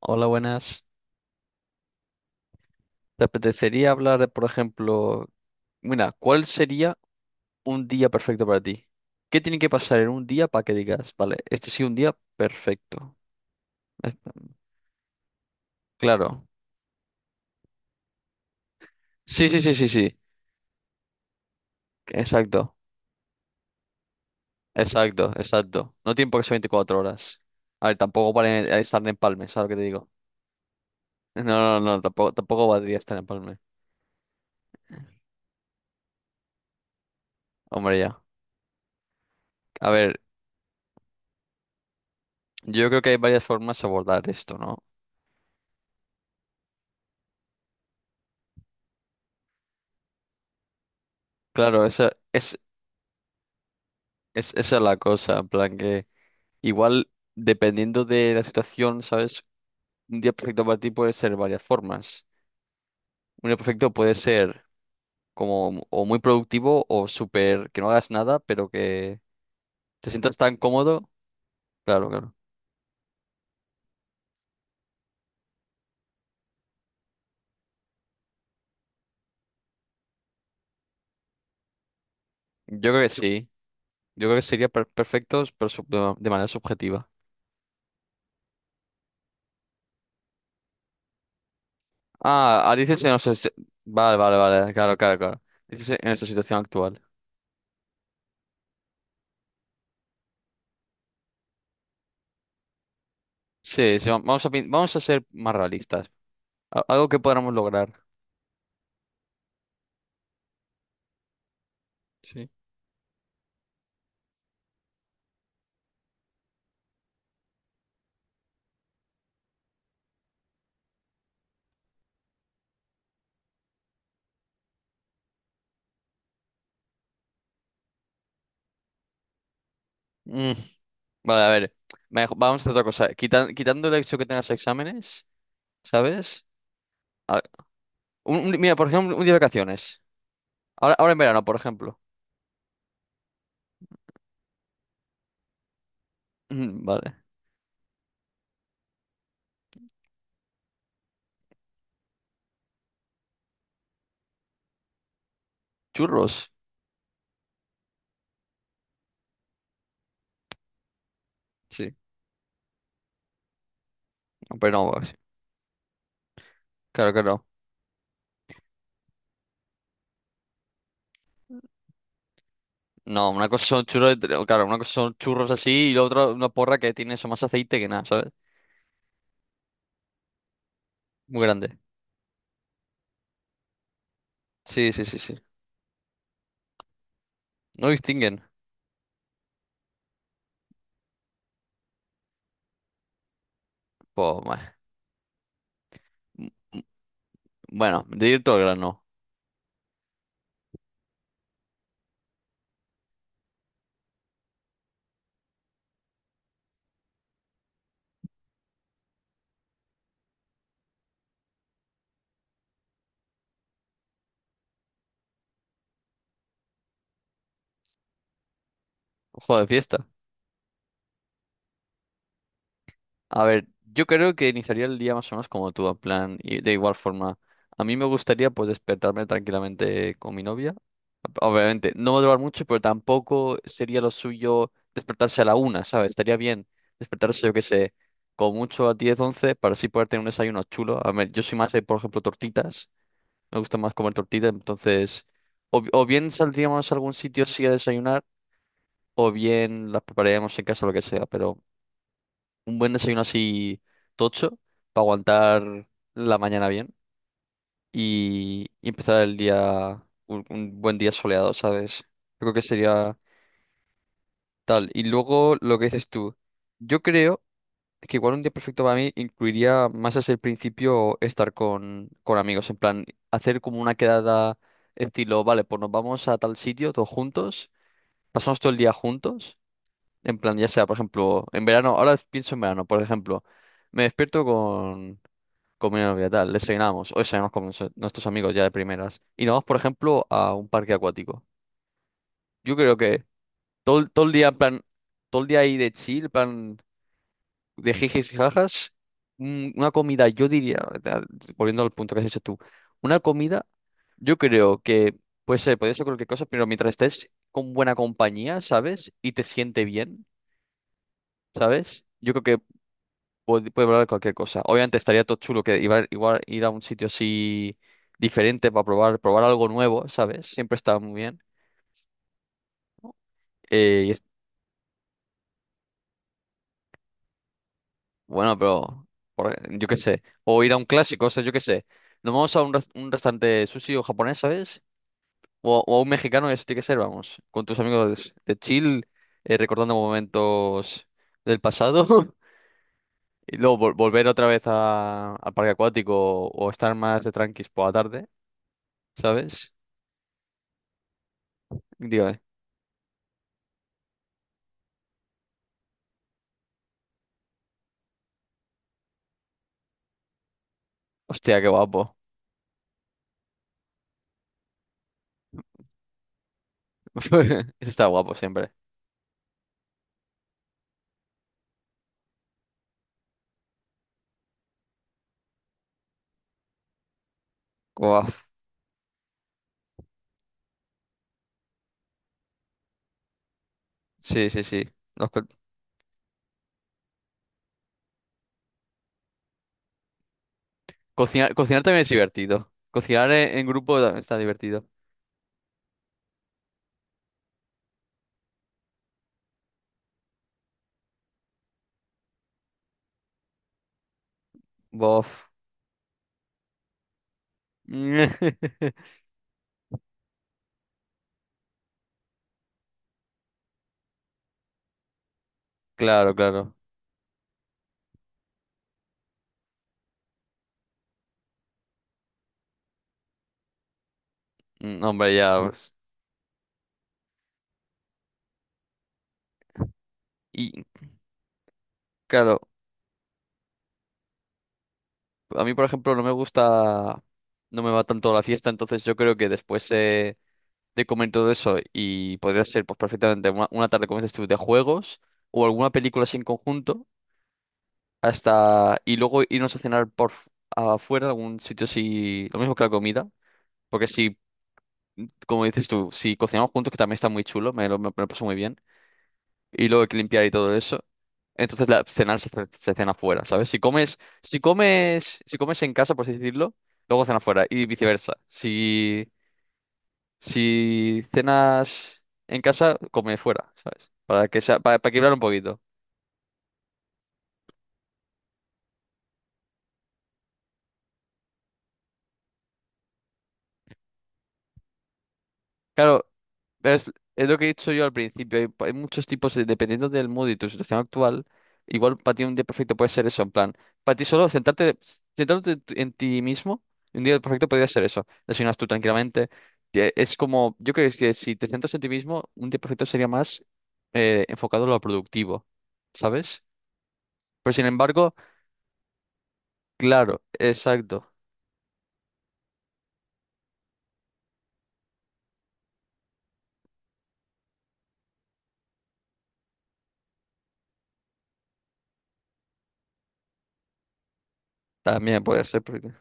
Hola, buenas. ¿Te apetecería hablar de, por ejemplo, mira, cuál sería un día perfecto para ti? ¿Qué tiene que pasar en un día para que digas, vale, este sí un día perfecto? Es- Claro. Sí, sí, sí, sí, sí. Exacto, exacto, exacto. No tiene por qué ser 24 horas. A ver, tampoco vale estar en Palme, ¿sabes lo que te digo? No, no, no, tampoco valdría estar en Palme. Hombre, ya. A ver, yo creo que hay varias formas de abordar esto, ¿no? Claro, esa es la cosa, en plan que. Igual, dependiendo de la situación, ¿sabes? Un día perfecto para ti puede ser varias formas. Un día perfecto puede ser como o muy productivo o súper que no hagas nada, pero que te sientas tan cómodo. Claro, claro. Yo creo que sí. Yo creo que sería perfectos, pero de manera subjetiva. Ah, ah, dices en nuestra. Vale, vale, vale. Claro, claro, claro. Dices en nuestra situación actual. Sí, sí, vamos a ser más realistas. Algo que podamos lograr. Sí. Vale, a ver, vamos a hacer otra cosa. Quitando el hecho que tengas exámenes, ¿sabes? A- Mira, por ejemplo, un día de vacaciones. Ahora en verano, por ejemplo. Vale. ¿Churros? Sí. No, pero no, pues, claro que no. No, una cosa son churros, claro, una cosa son churros así y la otra una porra que tiene eso más aceite que nada, ¿sabes? Muy grande. Sí, sí, sí, sí. No distinguen. Pues, bueno, de ir todo el grano. Ojo de fiesta. A ver, yo creo que iniciaría el día más o menos como tú, en plan, y de igual forma. A mí me gustaría pues despertarme tranquilamente con mi novia. Obviamente, no va a durar mucho, pero tampoco sería lo suyo despertarse a la una, ¿sabes? Estaría bien despertarse, yo qué sé, con mucho a 10, 11 para así poder tener un desayuno chulo. A ver, yo soy más de, por ejemplo, tortitas. Me gusta más comer tortitas, entonces, o bien saldríamos a algún sitio así a desayunar, o bien las prepararíamos en casa, lo que sea, pero un buen desayuno así tocho para aguantar la mañana bien y empezar el día, un buen día soleado, ¿sabes? Yo creo que sería tal. Y luego lo que dices tú, yo creo que igual un día perfecto para mí incluiría más desde el principio estar con amigos, en plan, hacer como una quedada estilo, vale, pues nos vamos a tal sitio todos juntos, pasamos todo el día juntos, en plan, ya sea, por ejemplo, en verano, ahora pienso en verano, por ejemplo. Me despierto con, comunidad obligatoria, desayunamos, o desayunamos con nuestros amigos ya de primeras. Y nos vamos, por ejemplo, a un parque acuático. Yo creo que todo el día, en plan, todo el día ahí de chill, en plan, de jijis y jajas, una comida, yo diría, ¿verdad? Volviendo al punto que has hecho tú, una comida, yo creo que puede ser cualquier cosa, pero mientras estés con buena compañía, ¿sabes? Y te siente bien, ¿sabes? Yo creo que puede probar cualquier cosa. Obviamente estaría todo chulo que igual ir a un sitio así diferente para probar algo nuevo, ¿sabes? Siempre está muy bien. Eh, y es- bueno, pero yo qué sé. O ir a un clásico, o sea, yo qué sé. Nos vamos a un restaurante sushi o japonés, ¿sabes? O a un mexicano, eso tiene que ser, vamos. Con tus amigos de chill, recordando momentos del pasado. Y luego volver otra vez al parque acuático o estar más de tranquis por la tarde, ¿sabes? Digo. Hostia, qué guapo. Eso está guapo siempre. Guau. Sí, sí, sí. Los co- cocinar también es divertido. Cocinar en grupo también está divertido. Bof. Claro, claro. Hombre, ya, pues. Y claro, a mí, por ejemplo, no me gusta, no me va tanto la fiesta, entonces yo creo que después de comer todo eso y podría ser pues perfectamente una tarde, como dices tú, de juegos o alguna película así en conjunto. Hasta y luego irnos a cenar afuera, algún sitio así, lo mismo que la comida, porque si, como dices tú, si cocinamos juntos, que también está muy chulo, me lo paso muy bien, y luego hay que limpiar y todo eso, entonces la cenar se, se cena afuera, ¿sabes? Si comes en casa, por así decirlo, luego cena afuera, y viceversa. Si, si cenas en casa, come fuera, ¿sabes? Para que sea, para equilibrar un poquito. Claro, es lo que he dicho yo al principio, hay muchos tipos, de- dependiendo del mood y tu situación actual, igual para ti un día perfecto puede ser eso, en plan, para ti solo sentarte, sentarte en ti mismo, un día perfecto podría ser eso, desayunas tú tranquilamente, es como, yo creo que es que si te centras en ti mismo, un día perfecto sería más enfocado a lo productivo, ¿sabes? Pero sin embargo, claro, exacto, también puede ser perfecto.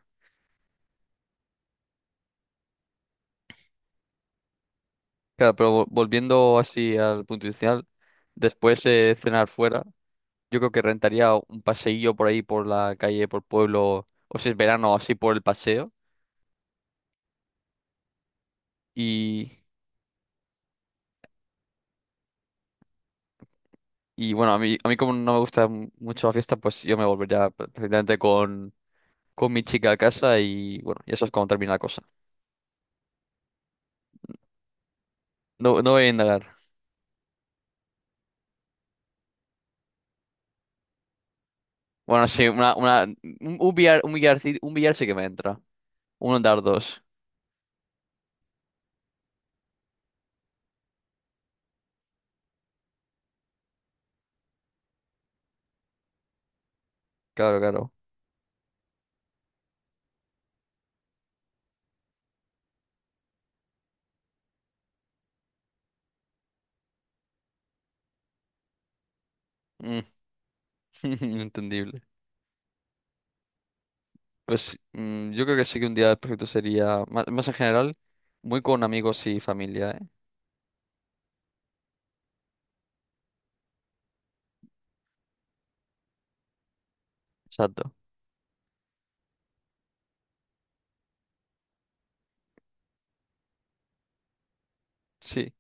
Claro, pero volviendo así al punto inicial, después cenar fuera. Yo creo que rentaría un paseillo por ahí, por la calle, por pueblo, o si es verano, así por el paseo. Y, y bueno, a mí como no me gusta mucho la fiesta, pues yo me volvería precisamente con mi chica a casa y bueno, y eso es cuando termina la cosa. No, no voy a indagar. Bueno, sí, un billar, un billar sí que me entra. Un dardos. Claro, claro. Mm, Entendible. Pues yo creo que sí que un día perfecto sería, más en general, muy con amigos y familia, ¿eh? Exacto. Sí.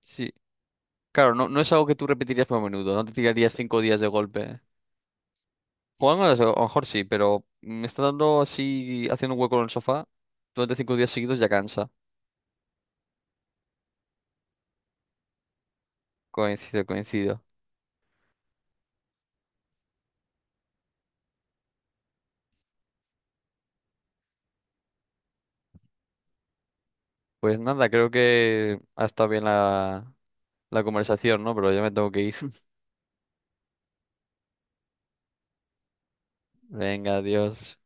Sí, claro, no, no es algo que tú repetirías por menudo, no te tirarías 5 días de golpe. Jugando a lo mejor sí, pero me está dando así, haciendo un hueco en el sofá durante 5 días seguidos ya cansa. Coincido, coincido. Pues nada, creo que ha estado bien la conversación, ¿no? Pero ya me tengo que ir. Venga, adiós.